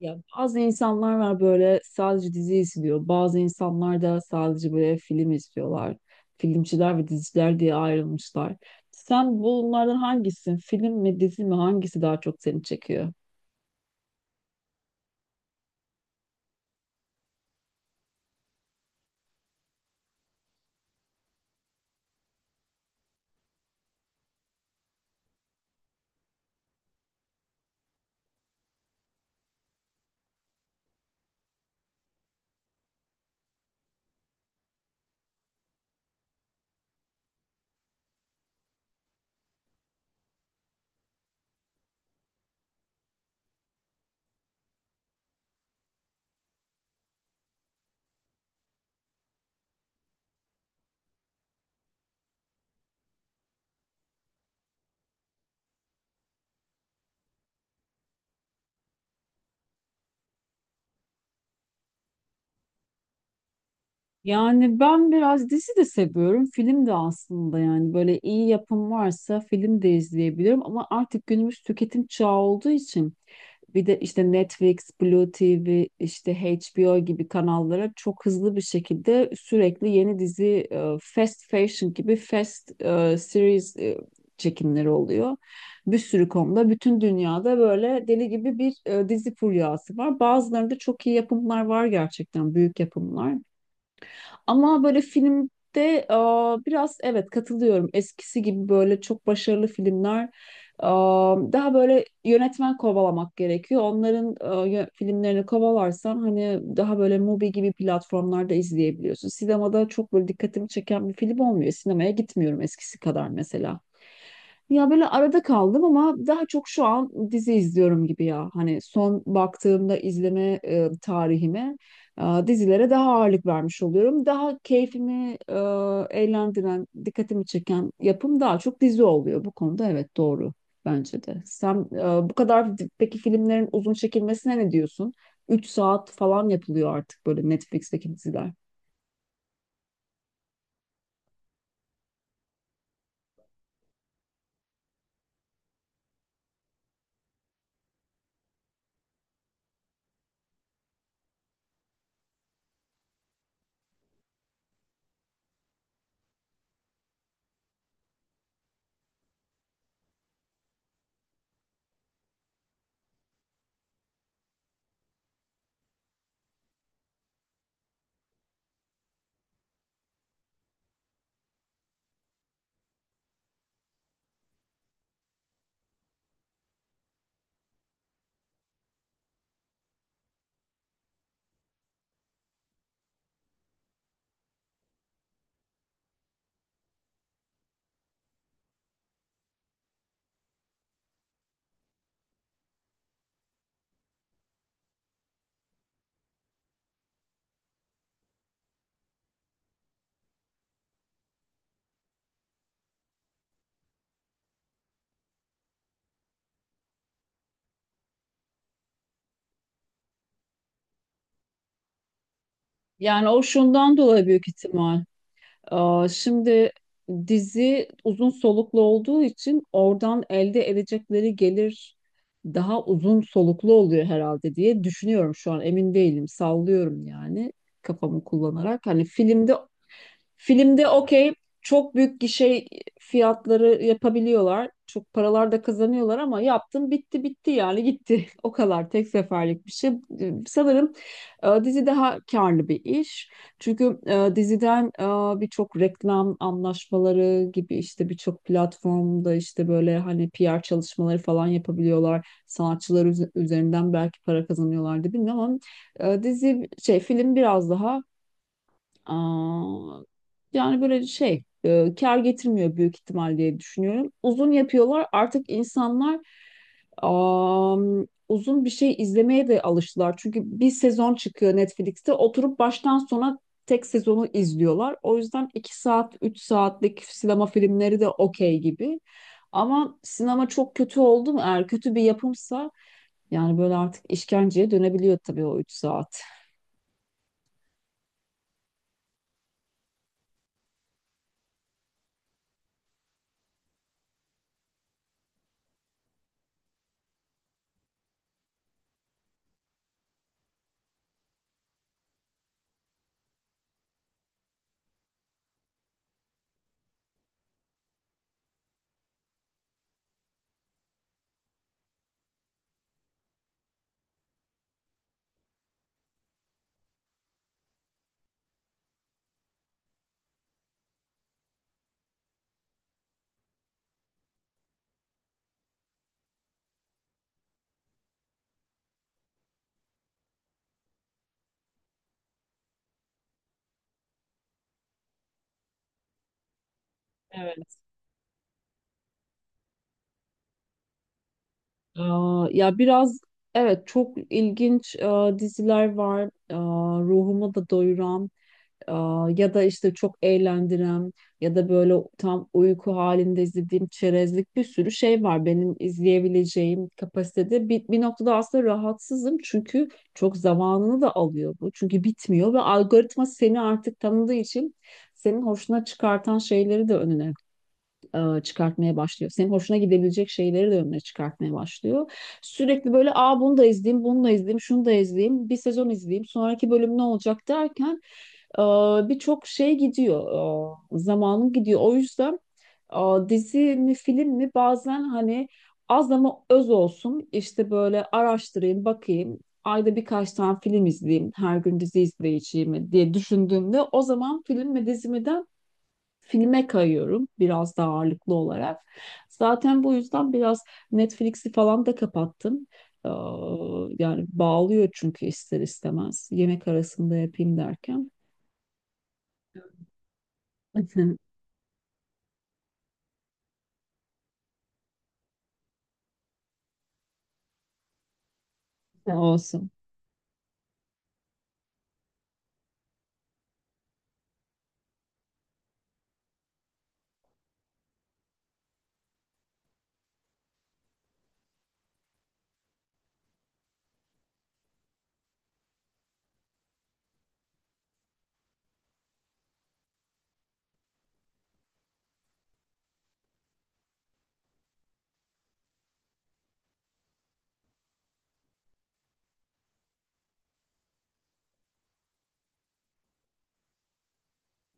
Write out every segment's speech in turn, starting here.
Ya bazı insanlar var böyle sadece dizi izliyor. Bazı insanlar da sadece böyle film izliyorlar. Filmciler ve diziciler diye ayrılmışlar. Sen bunlardan hangisin? Film mi dizi mi, hangisi daha çok seni çekiyor? Yani ben biraz dizi de seviyorum. Film de aslında, yani böyle iyi yapım varsa film de izleyebilirim. Ama artık günümüz tüketim çağı olduğu için bir de işte Netflix, Blue TV, işte HBO gibi kanallara çok hızlı bir şekilde sürekli yeni dizi, fast fashion gibi fast series çekimleri oluyor. Bir sürü konuda bütün dünyada böyle deli gibi bir dizi furyası var. Bazılarında çok iyi yapımlar var, gerçekten büyük yapımlar. Ama böyle filmde biraz, evet, katılıyorum. Eskisi gibi böyle çok başarılı filmler daha böyle, yönetmen kovalamak gerekiyor. Onların filmlerini kovalarsan hani daha böyle Mubi gibi platformlarda izleyebiliyorsun. Sinemada çok böyle dikkatimi çeken bir film olmuyor. Sinemaya gitmiyorum eskisi kadar mesela. Ya böyle arada kaldım ama daha çok şu an dizi izliyorum gibi ya. Hani son baktığımda izleme tarihime dizilere daha ağırlık vermiş oluyorum. Daha keyfimi eğlendiren, dikkatimi çeken yapım daha çok dizi oluyor. Bu konuda evet, doğru bence de. Sen e, bu kadar di- peki filmlerin uzun çekilmesine ne diyorsun? Üç saat falan yapılıyor artık böyle Netflix'teki diziler. Yani o şundan dolayı büyük ihtimal. Şimdi dizi uzun soluklu olduğu için oradan elde edecekleri gelir daha uzun soluklu oluyor herhalde diye düşünüyorum şu an. Emin değilim. Sallıyorum yani, kafamı kullanarak. Hani filmde okey, çok büyük gişe fiyatları yapabiliyorlar. Çok paralar da kazanıyorlar ama yaptım bitti, bitti yani, gitti. O kadar, tek seferlik bir şey. Sanırım dizi daha karlı bir iş. Çünkü diziden birçok reklam anlaşmaları gibi, işte birçok platformda işte böyle hani PR çalışmaları falan yapabiliyorlar. Sanatçılar üzerinden belki para kazanıyorlar da bilmiyorum ama dizi şey, film biraz daha Aa, yani böyle şey kar getirmiyor büyük ihtimal diye düşünüyorum. Uzun yapıyorlar, artık insanlar uzun bir şey izlemeye de alıştılar. Çünkü bir sezon çıkıyor Netflix'te, oturup baştan sona tek sezonu izliyorlar. O yüzden 2 saat, 3 saatlik sinema filmleri de okey gibi. Ama sinema çok kötü oldu mu, eğer kötü bir yapımsa yani, böyle artık işkenceye dönebiliyor tabii o 3 saat. Ya biraz, evet, çok ilginç diziler var. E, ruhumu da doyuran, e, ya da işte çok eğlendiren, ya da böyle tam uyku halinde izlediğim çerezlik bir sürü şey var benim izleyebileceğim kapasitede. Bir noktada aslında rahatsızım çünkü çok zamanını da alıyor bu. Çünkü bitmiyor, ve algoritma seni artık tanıdığı için senin hoşuna çıkartan şeyleri de önüne çıkartmaya başlıyor. Senin hoşuna gidebilecek şeyleri de önüne çıkartmaya başlıyor. Sürekli böyle, aa, bunu da izleyeyim, bunu da izleyeyim, şunu da izleyeyim, bir sezon izleyeyim, sonraki bölüm ne olacak derken e, birçok şey gidiyor, zamanın gidiyor. O yüzden dizi mi film mi, bazen hani az ama öz olsun, işte böyle araştırayım, bakayım. Ayda birkaç tane film izleyeyim, her gün dizi izleyeceğimi diye düşündüğümde o zaman film mi dizi mi, filme kayıyorum biraz daha ağırlıklı olarak. Zaten bu yüzden biraz Netflix'i falan da kapattım. Ee, Yani bağlıyor çünkü ister istemez. Yemek arasında yapayım derken. Olsun.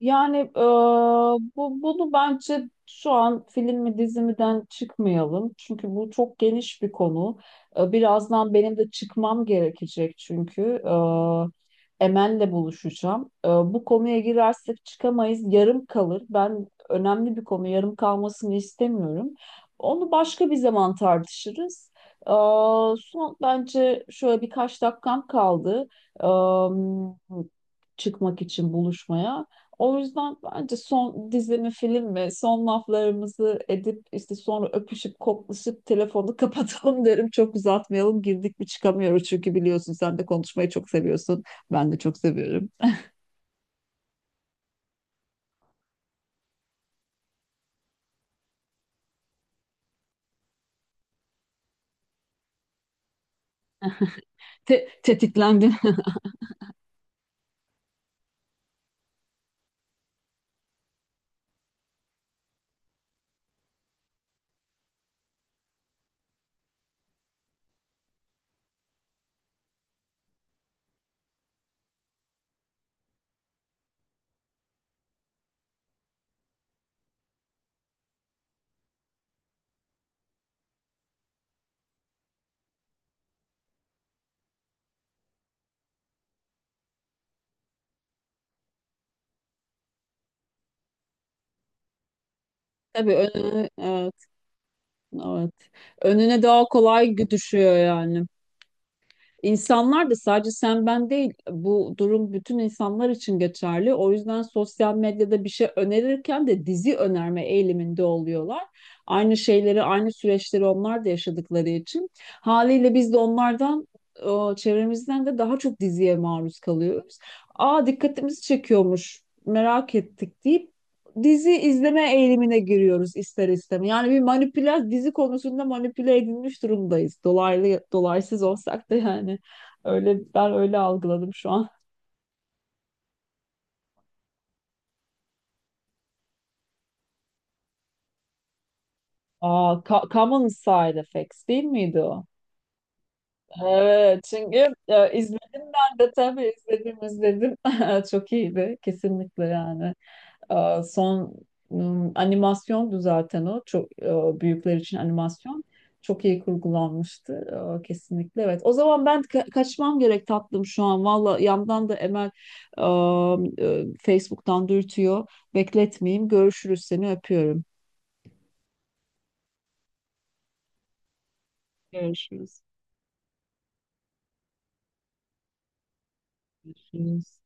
Yani e, bu bunu bence şu an film mi dizi miden çıkmayalım. Çünkü bu çok geniş bir konu. Birazdan benim de çıkmam gerekecek çünkü. Emel'le buluşacağım. Bu konuya girersek çıkamayız. Yarım kalır. Ben, önemli bir konu, yarım kalmasını istemiyorum. Onu başka bir zaman tartışırız. E, son bence şöyle birkaç dakikam kaldı. E, Çıkmak için buluşmaya. O yüzden bence son, dizi mi film mi, son laflarımızı edip işte sonra öpüşüp koklaşıp telefonu kapatalım derim. Çok uzatmayalım, girdik mi çıkamıyoruz çünkü, biliyorsun sen de konuşmayı çok seviyorsun. Ben de çok seviyorum. Tetiklendim. Tabii önüne, evet, evet. Önüne daha kolay düşüyor yani. İnsanlar da, sadece sen ben değil, bu durum bütün insanlar için geçerli. O yüzden sosyal medyada bir şey önerirken de dizi önerme eğiliminde oluyorlar. Aynı şeyleri, aynı süreçleri onlar da yaşadıkları için haliyle biz de onlardan, çevremizden de daha çok diziye maruz kalıyoruz. Dikkatimizi çekiyormuş, merak ettik deyip dizi izleme eğilimine giriyoruz ister istemez. Yani bir manipüle, dizi konusunda manipüle edilmiş durumdayız. Dolaylı dolaysız olsak da yani, öyle, ben öyle algıladım şu an. Common Side Effects değil miydi o? Evet, çünkü izledim ben de, tabii izledim, izledim. Çok iyiydi kesinlikle yani. Son animasyondu zaten o. Çok büyükler için animasyon. Çok iyi kurgulanmıştı. Kesinlikle evet. O zaman ben kaçmam gerek tatlım şu an. Valla yandan da Emel e, Facebook'tan dürtüyor. Bekletmeyeyim. Görüşürüz, seni öpüyorum. Görüşürüz. Görüşürüz.